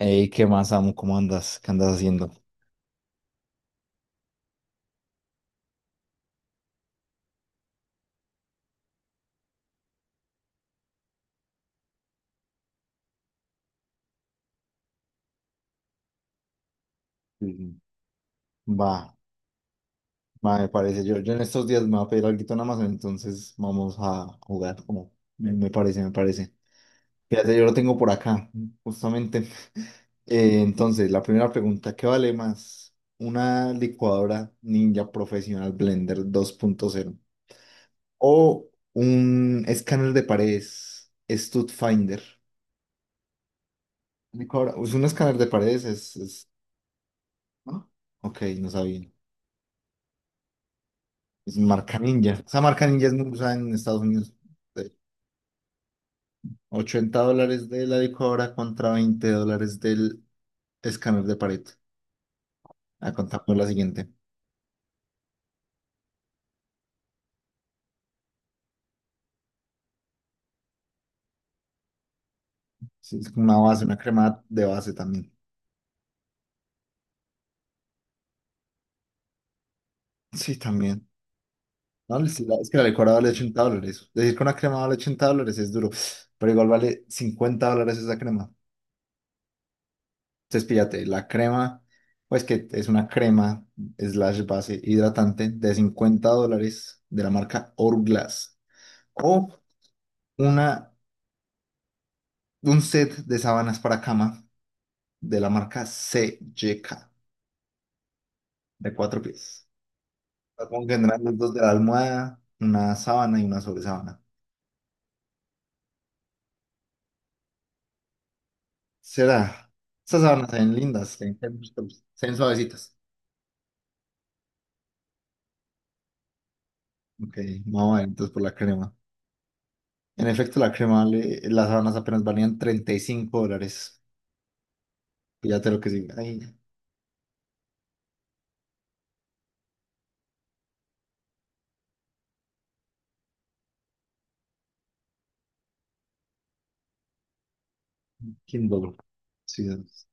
Ey, ¿qué más, amo? ¿Cómo andas? ¿Qué andas haciendo? Sí, sí. Va, va, me parece. Yo en estos días me voy a pedir algo en Amazon, entonces vamos a jugar como me parece, me parece. Fíjate, yo lo tengo por acá, justamente. Entonces, la primera pregunta, ¿qué vale más? ¿Una licuadora Ninja Profesional Blender 2.0 o un escáner de paredes StudFinder? Es un escáner de paredes, ¿no? Ok, no sabía. Es marca Ninja. Esa marca Ninja es muy usada en Estados Unidos. De $80 de la licuadora contra $20 del escáner de pared. A contar con la siguiente. Sí, es una base, una crema de base también. Sí, también. No, es que la licuadora vale $80. Decir que una crema vale $80 es duro. Pero igual vale $50 esa crema. Entonces, píllate, la crema, pues que es una crema slash base hidratante de $50 de la marca Hourglass. O Una, un set de sábanas para cama de la marca CJK de cuatro pies. Supongo que tendrán los dos de la almohada, una sábana y una sobresábana. Será. Estas sábanas se ven lindas, se ven suavecitas. Ok, vamos a ver entonces por la crema. En efecto, la crema, las sábanas apenas valían $35. Fíjate lo que sí. Ay, Kindle. Sí, es-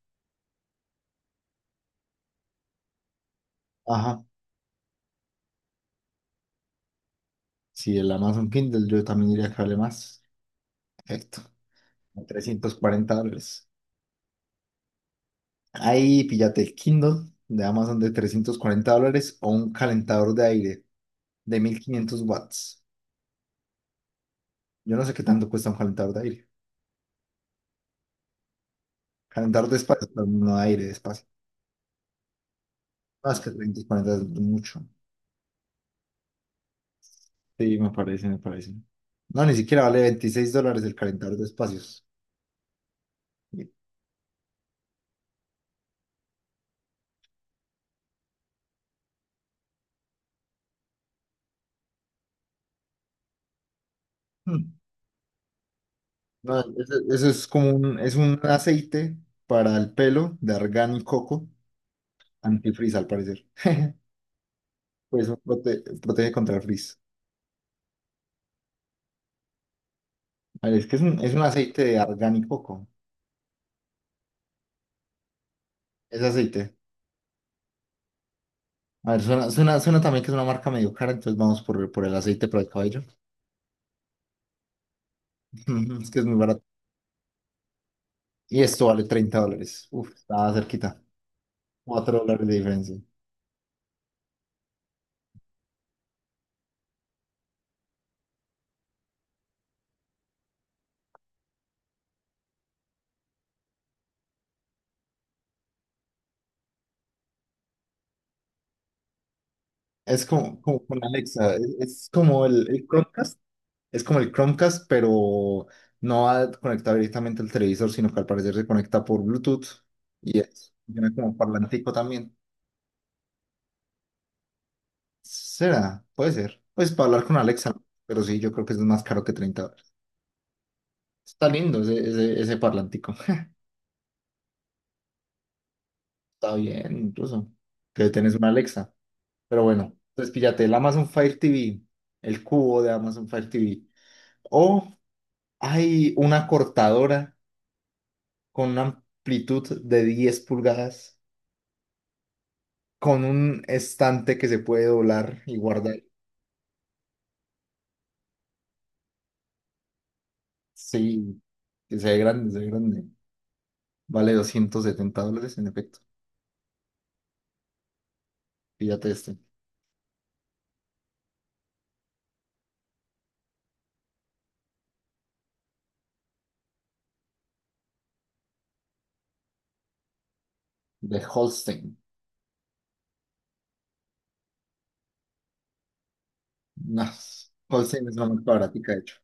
ajá. Si el Amazon Kindle, yo también diría que vale más. Perfecto. $340. Ahí píllate el Kindle de Amazon de $340 o un calentador de aire de 1500 watts. Yo no sé qué tanto cuesta un calentador de aire. Calentador de espacio, pero no de aire, de espacio. Más que 340 es mucho. Sí, me parece, me parece. No, ni siquiera vale $26 el calentador de espacios. Hmm. No, eso es es un aceite para el pelo de argán y coco, antifrizz al parecer. Pues protege contra el frizz. A ver, es que es un aceite de argán y coco. Es aceite. A ver, suena también que es una marca medio cara, entonces vamos por el aceite para el cabello. Es que es muy barato. Y esto vale $30. Uf, está cerquita. $4 de diferencia. Es como con Alexa. Es como el Chromecast. Es como el Chromecast, pero no va conectado directamente al televisor, sino que al parecer se conecta por Bluetooth. Funciona como parlantico también. Será, puede ser. Pues para hablar con Alexa, pero sí, yo creo que es más caro que $30. Está lindo ese parlantico. Está bien, incluso. Que tenés una Alexa. Pero bueno, entonces píllate el Amazon Fire TV, el cubo de Amazon Fire TV. O hay una cortadora con una amplitud de 10 pulgadas, con un estante que se puede doblar y guardar. Sí, que se ve grande, se ve grande. Vale $270 en efecto. Píllate este. De Holstein. No, Holstein es la más barata, de hecho.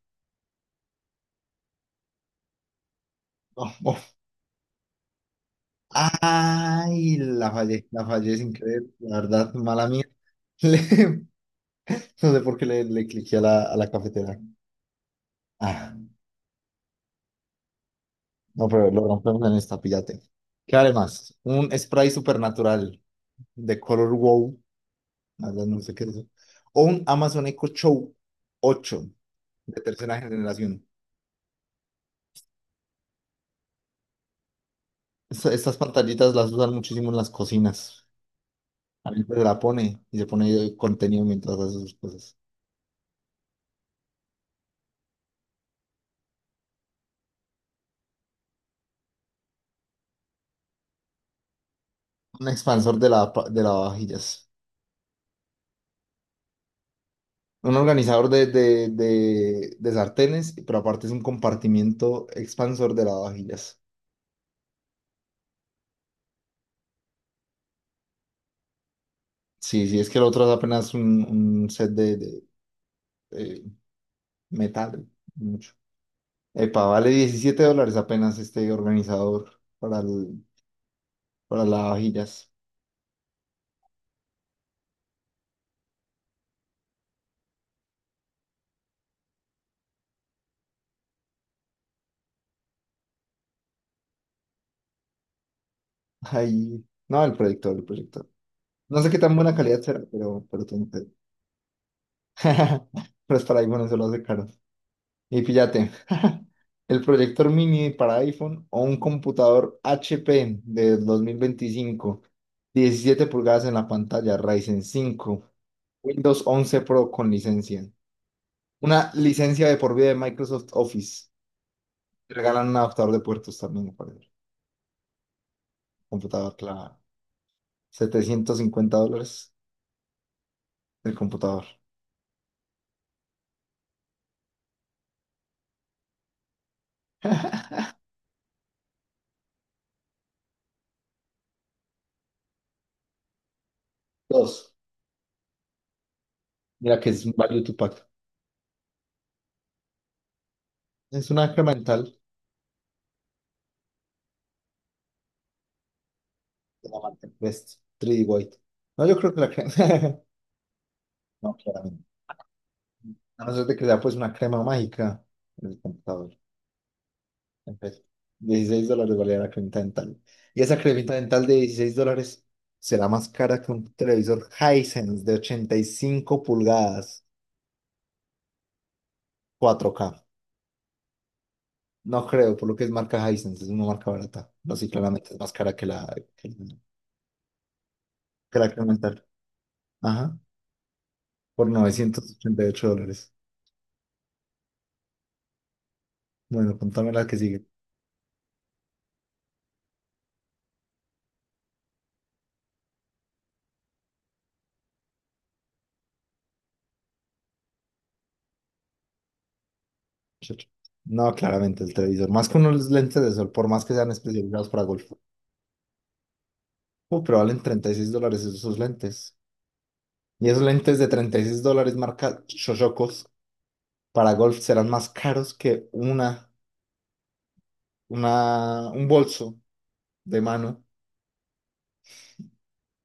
Oh, oh. Ay, la fallé sin creer, la verdad, mala mía. Le- no sé por qué le cliqué a a la cafetera. Ah, no, pero lo rompemos en esta, píllate. ¿Qué vale más? Un spray supernatural de color wow, la verdad no sé qué es eso. O un Amazon Echo Show 8 de tercera generación. Estas pantallitas las usan muchísimo en las cocinas. A mí se la pone y se pone contenido mientras hace sus cosas. Un expansor de lavavajillas. Un organizador de sartenes, pero aparte es un compartimiento expansor de lavavajillas. Sí, sí, es que el otro es apenas un set eh, metal. Mucho. Epa, vale $17 apenas este organizador para, el, para lavavajillas. Ahí. No, el proyector, el proyector. No sé qué tan buena calidad será, pero tiene Pero es para iPhone, eso lo hace caro. Y fíjate, el proyector mini para iPhone o un computador HP de 2025 17 pulgadas en la pantalla, Ryzen 5 Windows 11 Pro con licencia, una licencia de por vida de Microsoft Office. Te regalan un adaptador de puertos también para el computador, claro. $750 el computador. Dos, mira que es un value to pack. Es una incremental de la marca Crest 3D White. No, yo creo que la crema. No, claramente. A no ser de que sea pues una crema mágica en el computador. Entonces, $16 valía la cremita dental. Y esa cremita dental de $16 será más cara que un televisor Hisense de 85 pulgadas 4K. No creo, por lo que es marca Hisense, es una marca barata. No, sí, claramente es más cara que que la, que la crema dental. Ajá, por $988. Bueno, contame la que sigue, muchacho. No, claramente el televisor. Más con unos lentes de sol, por más que sean especializados para golf. Pero valen $36 esos lentes. Y esos lentes de $36 marca Shoshokos para golf serán más caros que un bolso de mano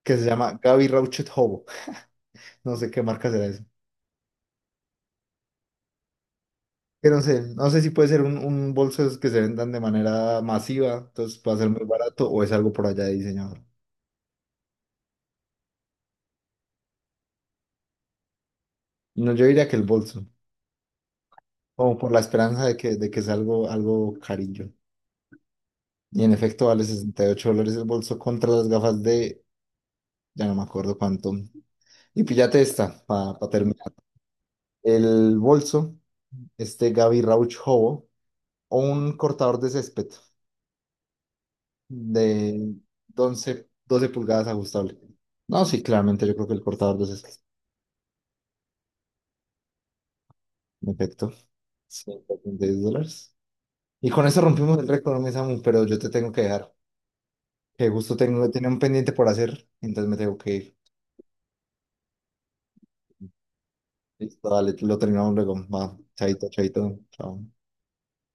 que se llama Gaby Rauchet Hobo. No sé qué marca será eso. Que no sé si puede ser un bolso de esos que se vendan de manera masiva, entonces puede ser muy barato o es algo por allá de diseñador. No, yo diría que el bolso, como por la esperanza de de que sea algo, algo carillo. Y en efecto vale $68 el bolso contra las gafas de ya no me acuerdo cuánto. Y píllate esta, para terminar. El bolso, este Gaby Rauchovo, o un cortador de césped de 11, 12 pulgadas ajustable. No, sí, claramente yo creo que el cortador de césped. En efecto, $136. Y con eso rompimos el récord, mi Samu, pero yo te tengo que dejar. Que justo tengo, tenía un pendiente por hacer, entonces me tengo que ir. Listo, dale, lo terminamos luego. Va, chaito, chaito, chao.